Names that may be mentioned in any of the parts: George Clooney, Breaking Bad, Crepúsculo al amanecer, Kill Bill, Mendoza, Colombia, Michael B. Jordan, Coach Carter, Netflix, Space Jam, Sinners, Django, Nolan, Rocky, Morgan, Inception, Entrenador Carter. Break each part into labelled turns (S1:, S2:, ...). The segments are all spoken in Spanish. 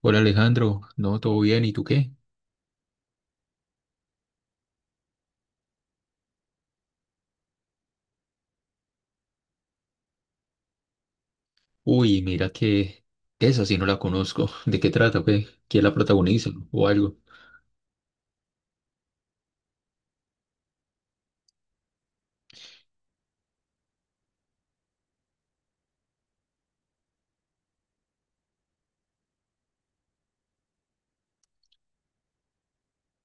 S1: Hola Alejandro, no, todo bien, ¿y tú qué? Uy, mira que esa sí no la conozco. ¿De qué trata, pues? ¿Quién la protagoniza o algo?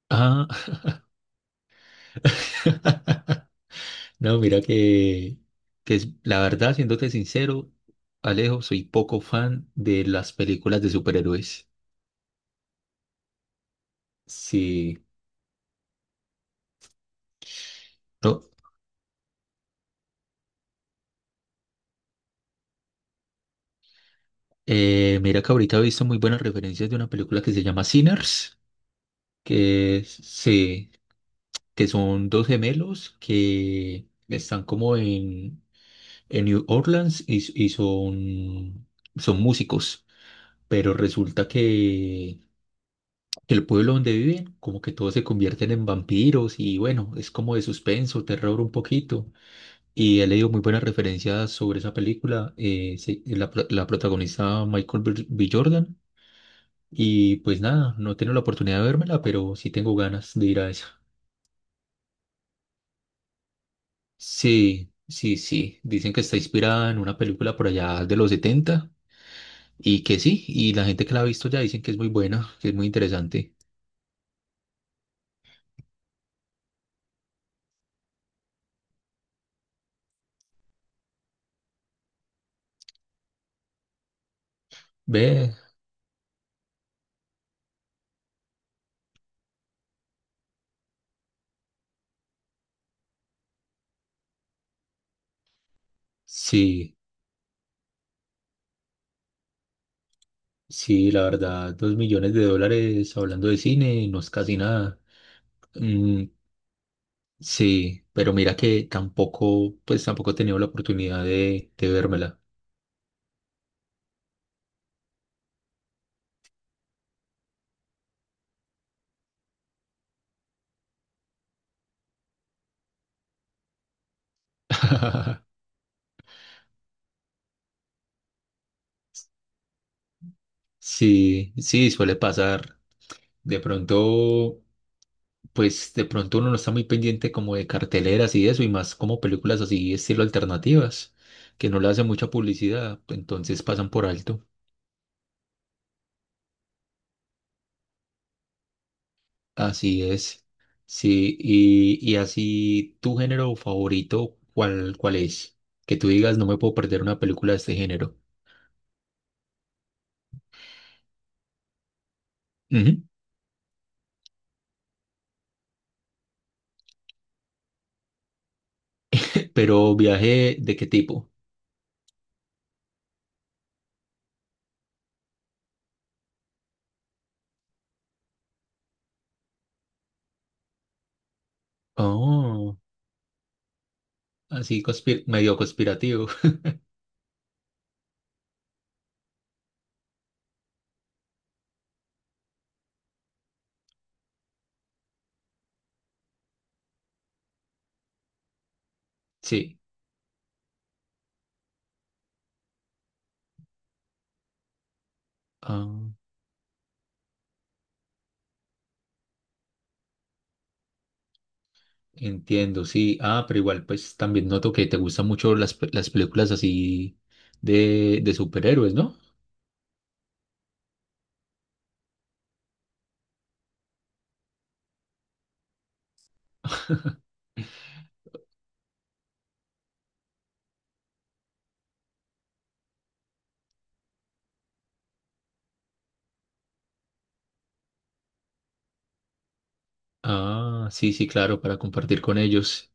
S1: Ah, no, mira que es- la verdad, siéndote sincero, Alejo, soy poco fan de las películas de superhéroes. Sí, no. Mira que ahorita he visto muy buenas referencias de una película que se llama Sinners, que es- sí, que son dos gemelos que están como en New Orleans y son, son músicos, pero resulta que el pueblo donde viven, como que todos se convierten en vampiros y bueno, es como de suspenso, terror un poquito. Y he leído muy buenas referencias sobre esa película, se- la, pro- la protagonista Michael B. Jordan. Y pues nada, no tengo la oportunidad de vérmela, pero sí tengo ganas de ir a esa. Sí, sí, sí. Dicen que está inspirada en una película por allá de los setenta. Y que sí, y la gente que la ha visto ya dicen que es muy buena, que es muy interesante. Ve, sí, sí, la verdad, $2 millones hablando de cine no es casi nada. Mm, sí, pero mira que tampoco, pues tampoco he tenido la oportunidad de vérmela. Sí, sí, suele pasar. De pronto, pues de pronto uno no está muy pendiente como de carteleras y eso, y más como películas así, estilo alternativas, que no le hacen mucha publicidad, entonces pasan por alto. Así es. Sí, y así, ¿tu género favorito cuál es? Que tú digas, no me puedo perder una película de este género. Ujú. ¿Pero viaje de qué tipo? Oh, así conspir- medio conspirativo. Sí. Ah, entiendo, sí. Ah, pero igual, pues también noto que te gustan mucho las películas así de superhéroes, ¿no? Ah, sí, sí, claro, para compartir con ellos.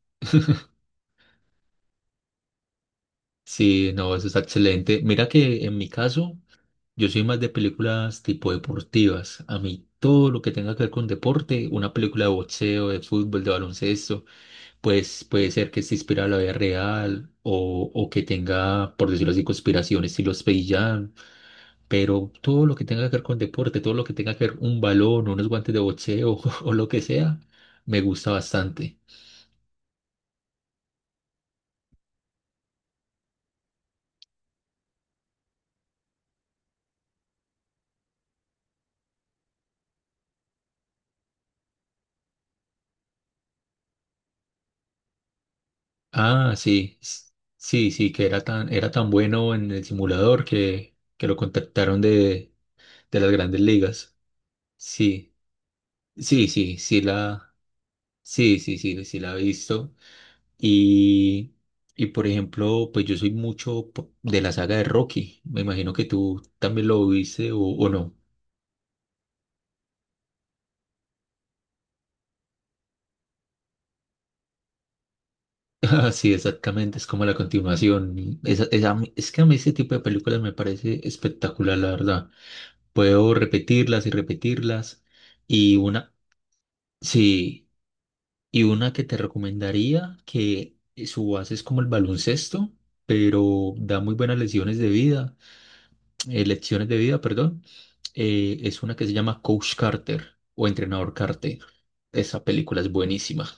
S1: Sí, no, eso está excelente. Mira que en mi caso... Yo soy más de películas tipo deportivas. A mí todo lo que tenga que ver con deporte, una película de boxeo, de fútbol, de baloncesto, pues puede ser que esté inspirada en la vida real o que tenga, por decirlo así, conspiraciones, estilo Space Jam. Pero todo lo que tenga que ver con deporte, todo lo que tenga que ver un balón, unos guantes de boxeo o lo que sea, me gusta bastante. Ah, sí, s- sí, sí, que era tan bueno en el simulador que lo contactaron de las grandes ligas. Sí, sí, sí, sí la, sí, sí, sí, sí la he visto. Y, y por ejemplo, pues yo soy mucho po- de la saga de Rocky. Me imagino que tú también lo viste o no. Ah, sí, exactamente, es como la continuación. Esa- esa- a mí- es que a mí ese tipo de películas me parece espectacular, la verdad. Puedo repetirlas y repetirlas. Y una, sí. Y una que te recomendaría, que su base es como el baloncesto, pero da muy buenas lesiones de vida, lecciones de vida, perdón, es una que se llama Coach Carter o Entrenador Carter. Esa película es buenísima.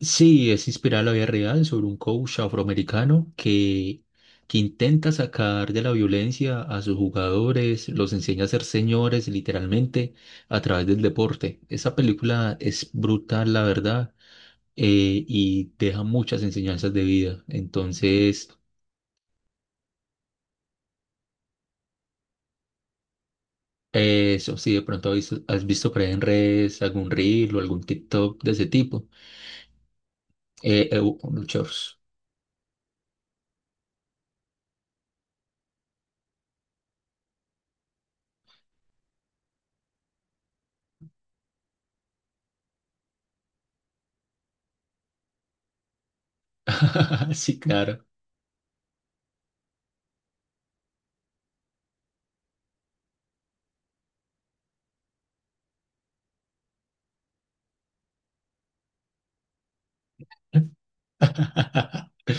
S1: Sí, es inspirada en la vida real sobre un coach afroamericano que intenta sacar de la violencia a sus jugadores, los enseña a ser señores literalmente a través del deporte. Esa película es brutal, la verdad. Y deja muchas enseñanzas de vida. Entonces, eso, si de pronto has visto por ahí en redes algún reel o algún TikTok de ese tipo, un shorts. Sí, claro.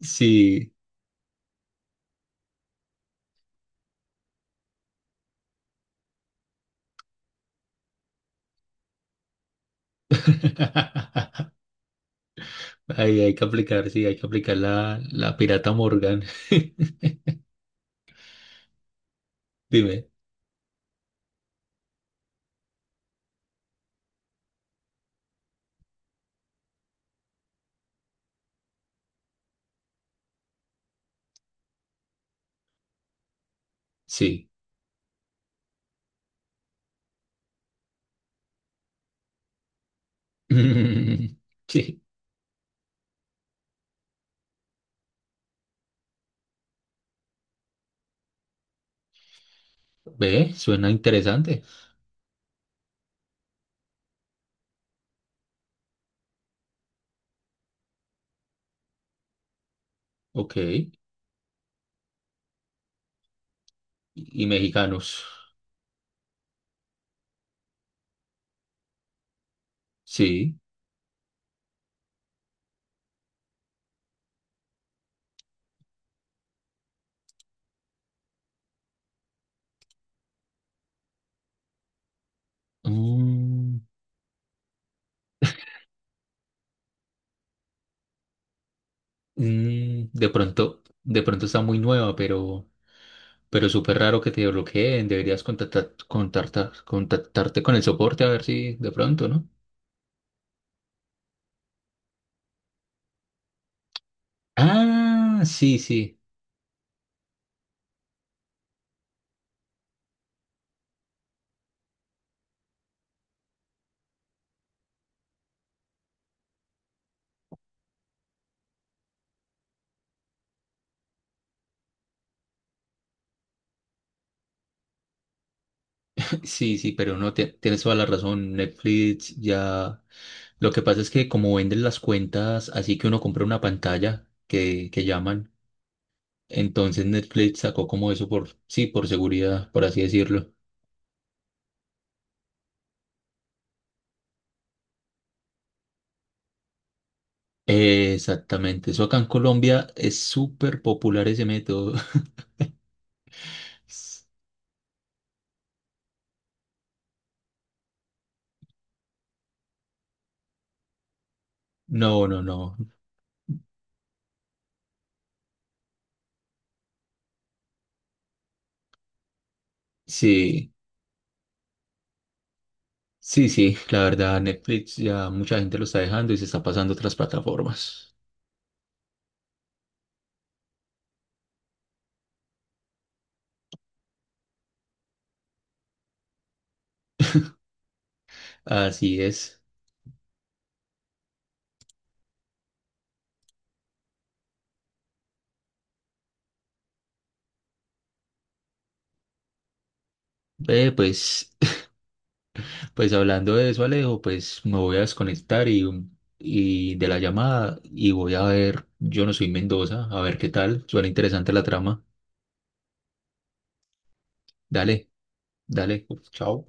S1: Sí. Ahí hay que aplicar, sí, hay que aplicar la, la pirata Morgan. Dime, sí. Sí. Ve, suena interesante. Ok. Y mexicanos. Sí. Mm, mm, de pronto está muy nueva, pero súper raro que te bloqueen. Deberías contactar, contactarte con el soporte a ver si de pronto, ¿no? Ah, sí, sí, sí, sí, pero no, ti- tienes toda la razón. Netflix ya. Lo que pasa es que como venden las cuentas, así que uno compra una pantalla que llaman. Entonces Netflix sacó como eso por, sí, por seguridad, por así decirlo. Exactamente, eso acá en Colombia es súper popular ese método. No, no, no. Sí, sí, sí. La verdad, Netflix ya mucha gente lo está dejando y se está pasando a otras plataformas. Así es. Ve, pues, pues hablando de eso, Alejo, pues me voy a desconectar y de la llamada y voy a ver, Yo no soy Mendoza, a ver qué tal. Suena interesante la trama. Dale, dale. Chao.